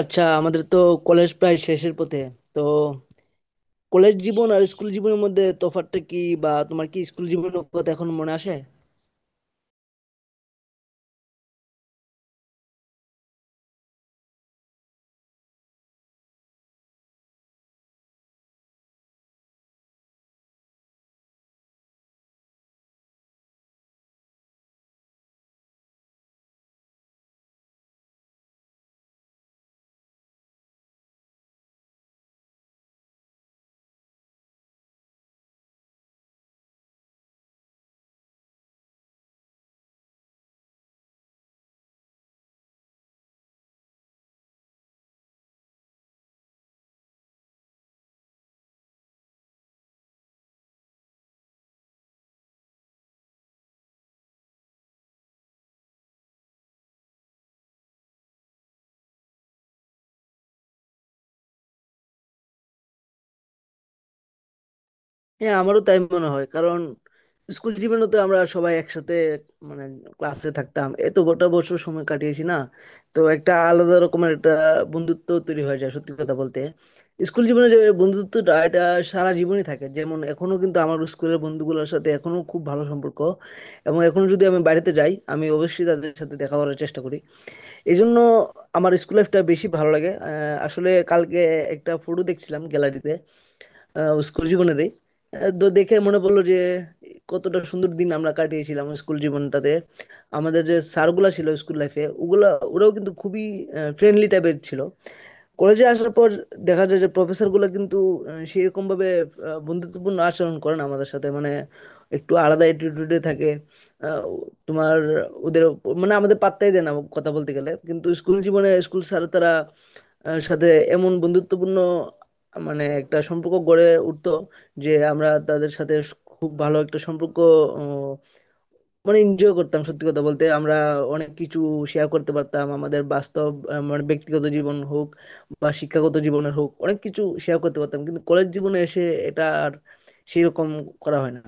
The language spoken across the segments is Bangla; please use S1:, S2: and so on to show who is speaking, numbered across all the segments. S1: আচ্ছা, আমাদের তো কলেজ প্রায় শেষের পথে। তো কলেজ জীবন আর স্কুল জীবনের মধ্যে তফাৎটা কি, বা তোমার কি স্কুল জীবনের কথা এখন মনে আসে? হ্যাঁ, আমারও তাই মনে হয়, কারণ স্কুল জীবনে তো আমরা সবাই একসাথে মানে ক্লাসে থাকতাম, এত গোটা বছর সময় কাটিয়েছি না, তো একটা আলাদা রকমের একটা বন্ধুত্ব তৈরি হয়ে যায়। সত্যি কথা বলতে, স্কুল জীবনে যে বন্ধুত্বটা, এটা সারা জীবনই থাকে। যেমন এখনো কিন্তু আমার স্কুলের বন্ধুগুলোর সাথে এখনো খুব ভালো সম্পর্ক, এবং এখনো যদি আমি বাড়িতে যাই আমি অবশ্যই তাদের সাথে দেখা করার চেষ্টা করি। এই জন্য আমার স্কুল লাইফটা বেশি ভালো লাগে। আসলে কালকে একটা ফটো দেখছিলাম গ্যালারিতে, স্কুল জীবনেরই। তো দেখে মনে পড়লো যে কতটা সুন্দর দিন আমরা কাটিয়েছিলাম স্কুল জীবনটাতে। আমাদের যে স্যারগুলা ছিল স্কুল লাইফে, ওগুলা ওরাও কিন্তু খুবই ফ্রেন্ডলি টাইপের ছিল। কলেজে আসার পর দেখা যায় যে প্রফেসর গুলো কিন্তু সেরকম ভাবে বন্ধুত্বপূর্ণ আচরণ করে না আমাদের সাথে, মানে একটু আলাদা অ্যাটিটিউডে থাকে। আহ, তোমার ওদের মানে আমাদের পাত্তাই দেয় না কথা বলতে গেলে। কিন্তু স্কুল জীবনে স্কুল স্যার, তারা সাথে এমন বন্ধুত্বপূর্ণ মানে একটা সম্পর্ক গড়ে উঠতো যে আমরা তাদের সাথে খুব ভালো একটা সম্পর্ক, আহ, মানে এনজয় করতাম। সত্যি কথা বলতে আমরা অনেক কিছু শেয়ার করতে পারতাম, আমাদের বাস্তব মানে ব্যক্তিগত জীবন হোক বা শিক্ষাগত জীবনের হোক, অনেক কিছু শেয়ার করতে পারতাম। কিন্তু কলেজ জীবনে এসে এটা আর সেরকম করা হয় না।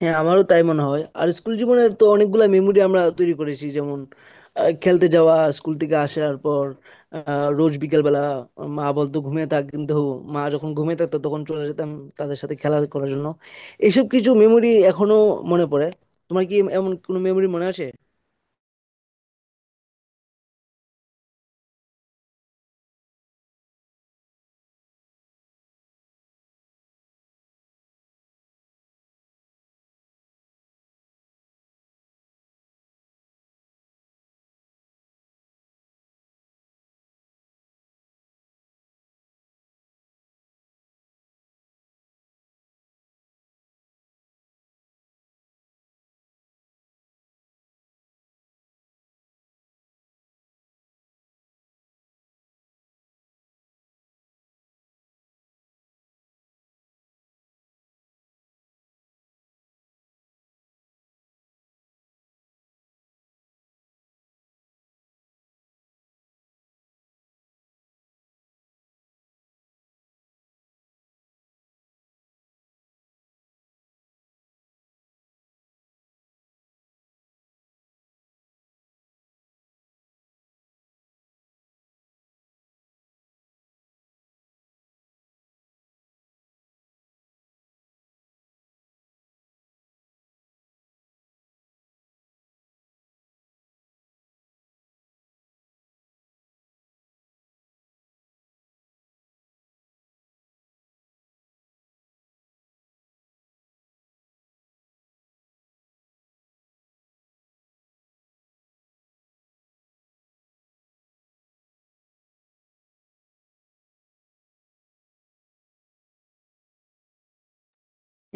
S1: হ্যাঁ, আমারও তাই মনে হয়। আর স্কুল জীবনের তো অনেকগুলা মেমোরি আমরা তৈরি করেছি, যেমন খেলতে যাওয়া স্কুল থেকে আসার পর, রোজ বিকেলবেলা। মা বলতো ঘুমিয়ে থাক, কিন্তু মা যখন ঘুমিয়ে থাকতো তখন চলে যেতাম তাদের সাথে খেলা করার জন্য। এইসব কিছু মেমোরি এখনো মনে পড়ে। তোমার কি এমন কোনো মেমোরি মনে আছে?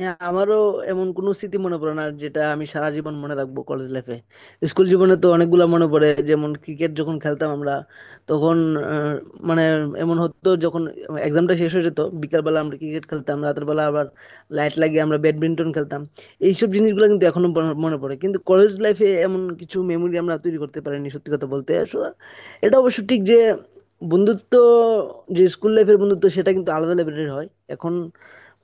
S1: হ্যাঁ, আমারও এমন কোনো স্মৃতি মনে পড়ে না যেটা আমি সারা জীবন মনে রাখবো কলেজ লাইফে। স্কুল জীবনে তো অনেকগুলো মনে পড়ে, যেমন ক্রিকেট যখন খেলতাম আমরা, তখন আহ, মানে এমন হতো যখন এক্সামটা শেষ হয়ে যেত বিকালবেলা আমরা ক্রিকেট খেলতাম, রাতের বেলা আবার লাইট লাগিয়ে আমরা ব্যাডমিন্টন খেলতাম। এইসব জিনিসগুলো কিন্তু এখনো মনে মনে পড়ে। কিন্তু কলেজ লাইফে এমন কিছু মেমোরি আমরা তৈরি করতে পারিনি সত্যি কথা বলতে। So, এটা অবশ্য ঠিক যে বন্ধুত্ব, যে স্কুল লাইফের বন্ধুত্ব সেটা কিন্তু আলাদা লেভেলের হয়। এখন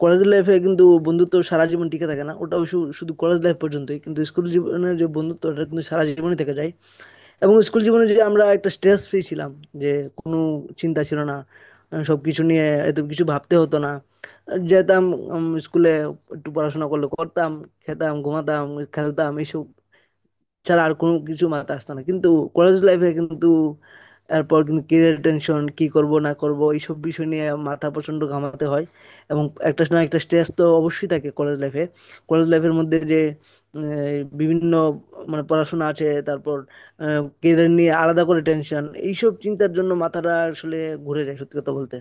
S1: কলেজ লাইফে কিন্তু বন্ধুত্ব সারা জীবন টিকে থাকে না, ওটা অবশ্য শুধু কলেজ লাইফ পর্যন্তই। কিন্তু স্কুল জীবনের যে বন্ধুত্ব ওটা কিন্তু সারা জীবনই থেকে যায়। এবং স্কুল জীবনে যে আমরা একটা স্ট্রেস ফ্রি ছিলাম, যে কোনো চিন্তা ছিল না, সব কিছু নিয়ে এত কিছু ভাবতে হতো না। যেতাম স্কুলে, একটু পড়াশোনা করলে করতাম, খেতাম, ঘুমাতাম, খেলতাম, এইসব ছাড়া আর কোনো কিছু মাথায় আসতো না। কিন্তু কলেজ লাইফে কিন্তু এরপর কিন্তু ক্যারিয়ার টেনশন, কি করব না করব এইসব বিষয় নিয়ে মাথা প্রচন্ড ঘামাতে হয়, এবং একটা না একটা স্ট্রেস তো অবশ্যই থাকে কলেজ লাইফে। কলেজ লাইফের মধ্যে যে বিভিন্ন মানে পড়াশোনা আছে, তারপর ক্যারিয়ার নিয়ে আলাদা করে টেনশন, এইসব চিন্তার জন্য মাথাটা আসলে ঘুরে যায় সত্যি কথা বলতে।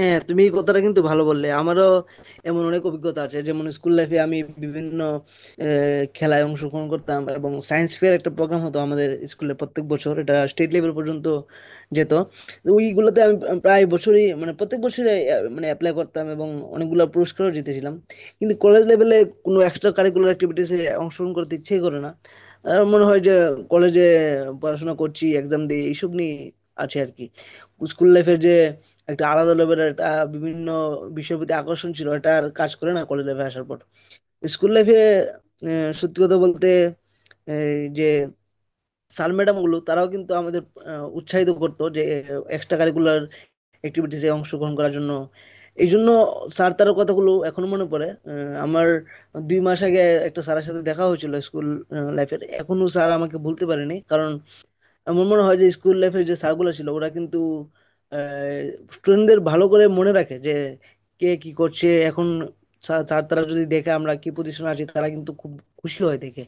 S1: হ্যাঁ, তুমি এই কথাটা কিন্তু ভালো বললে। আমারও এমন অনেক অভিজ্ঞতা আছে, যেমন স্কুল লাইফে আমি বিভিন্ন খেলায় অংশগ্রহণ করতাম, এবং সায়েন্স ফেয়ার একটা প্রোগ্রাম হতো আমাদের স্কুলে প্রত্যেক বছর, এটা স্টেট লেভেল পর্যন্ত যেত। তো ওইগুলোতে আমি প্রায় বছরই মানে প্রত্যেক বছরই মানে অ্যাপ্লাই করতাম, এবং অনেকগুলো পুরস্কারও জিতেছিলাম। কিন্তু কলেজ লেভেলে কোনো এক্সট্রা কারিকুলার অ্যাক্টিভিটিসে অংশগ্রহণ করতে ইচ্ছেই করে না। আর মনে হয় যে কলেজে পড়াশোনা করছি, এক্সাম দিয়ে এইসব নিয়ে আছে আর কি। স্কুল লাইফের যে একটা আলাদা লেভেলের একটা বিভিন্ন বিষয়ের প্রতি আকর্ষণ ছিল, এটা আর কাজ করে না কলেজ লাইফে আসার পর। স্কুল লাইফে সত্যি কথা বলতে এই যে স্যার ম্যাডাম গুলো, তারাও কিন্তু আমাদের উৎসাহিত করতো যে এক্সট্রা কারিকুলার অ্যাক্টিভিটিসে অংশগ্রহণ করার জন্য। এই জন্য স্যার তার কথাগুলো এখনো মনে পড়ে। আমার 2 মাস আগে একটা স্যারের সাথে দেখা হয়েছিল স্কুল লাইফের, এখনো স্যার আমাকে ভুলতে পারেনি। কারণ আমার মনে হয় যে স্কুল লাইফের যে স্যারগুলো ছিল ওরা কিন্তু স্টুডেন্টদের ভালো করে মনে রাখে যে কে কি করছে এখন। স্যার তারা যদি দেখে আমরা কি পজিশন আছি, তারা কিন্তু খুব খুশি হয় দেখে।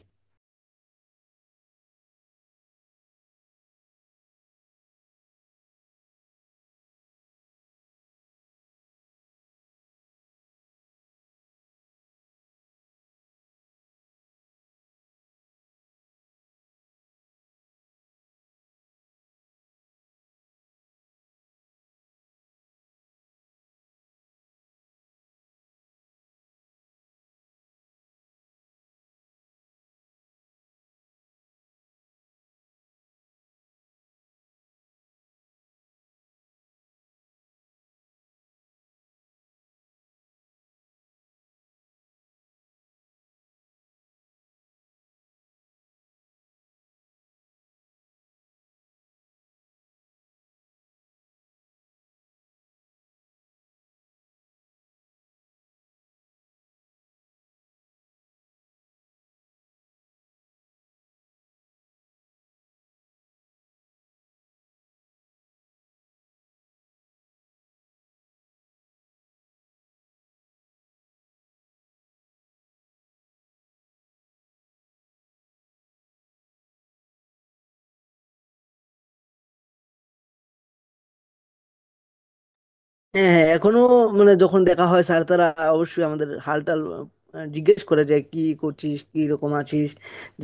S1: হ্যাঁ, হ্যাঁ, এখনো মানে যখন দেখা হয় স্যার তারা অবশ্যই আমাদের হালটাল জিজ্ঞেস করে যে কি করছিস, কি রকম আছিস।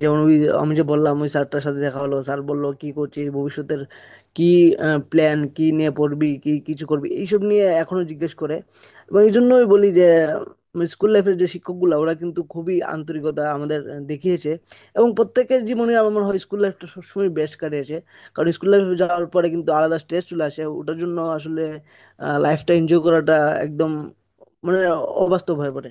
S1: যেমন ওই আমি যে বললাম ওই স্যারটার সাথে দেখা হলো, স্যার বললো কি করছিস, ভবিষ্যতের কি প্ল্যান, কি নিয়ে পড়বি, কি কিছু করবি, এইসব নিয়ে এখনো জিজ্ঞেস করে। এবং এই জন্যই বলি যে স্কুল লাইফের যে শিক্ষকগুলো ওরা কিন্তু খুবই আন্তরিকতা আমাদের দেখিয়েছে। এবং প্রত্যেকের জীবনে আমার মনে হয় স্কুল লাইফটা সবসময় বেস্ট কাটিয়েছে, কারণ স্কুল লাইফে যাওয়ার পরে কিন্তু আলাদা স্ট্রেস চলে আসে, ওটার জন্য আসলে লাইফটা এনজয় করাটা একদম মানে অবাস্তব হয়ে পড়ে।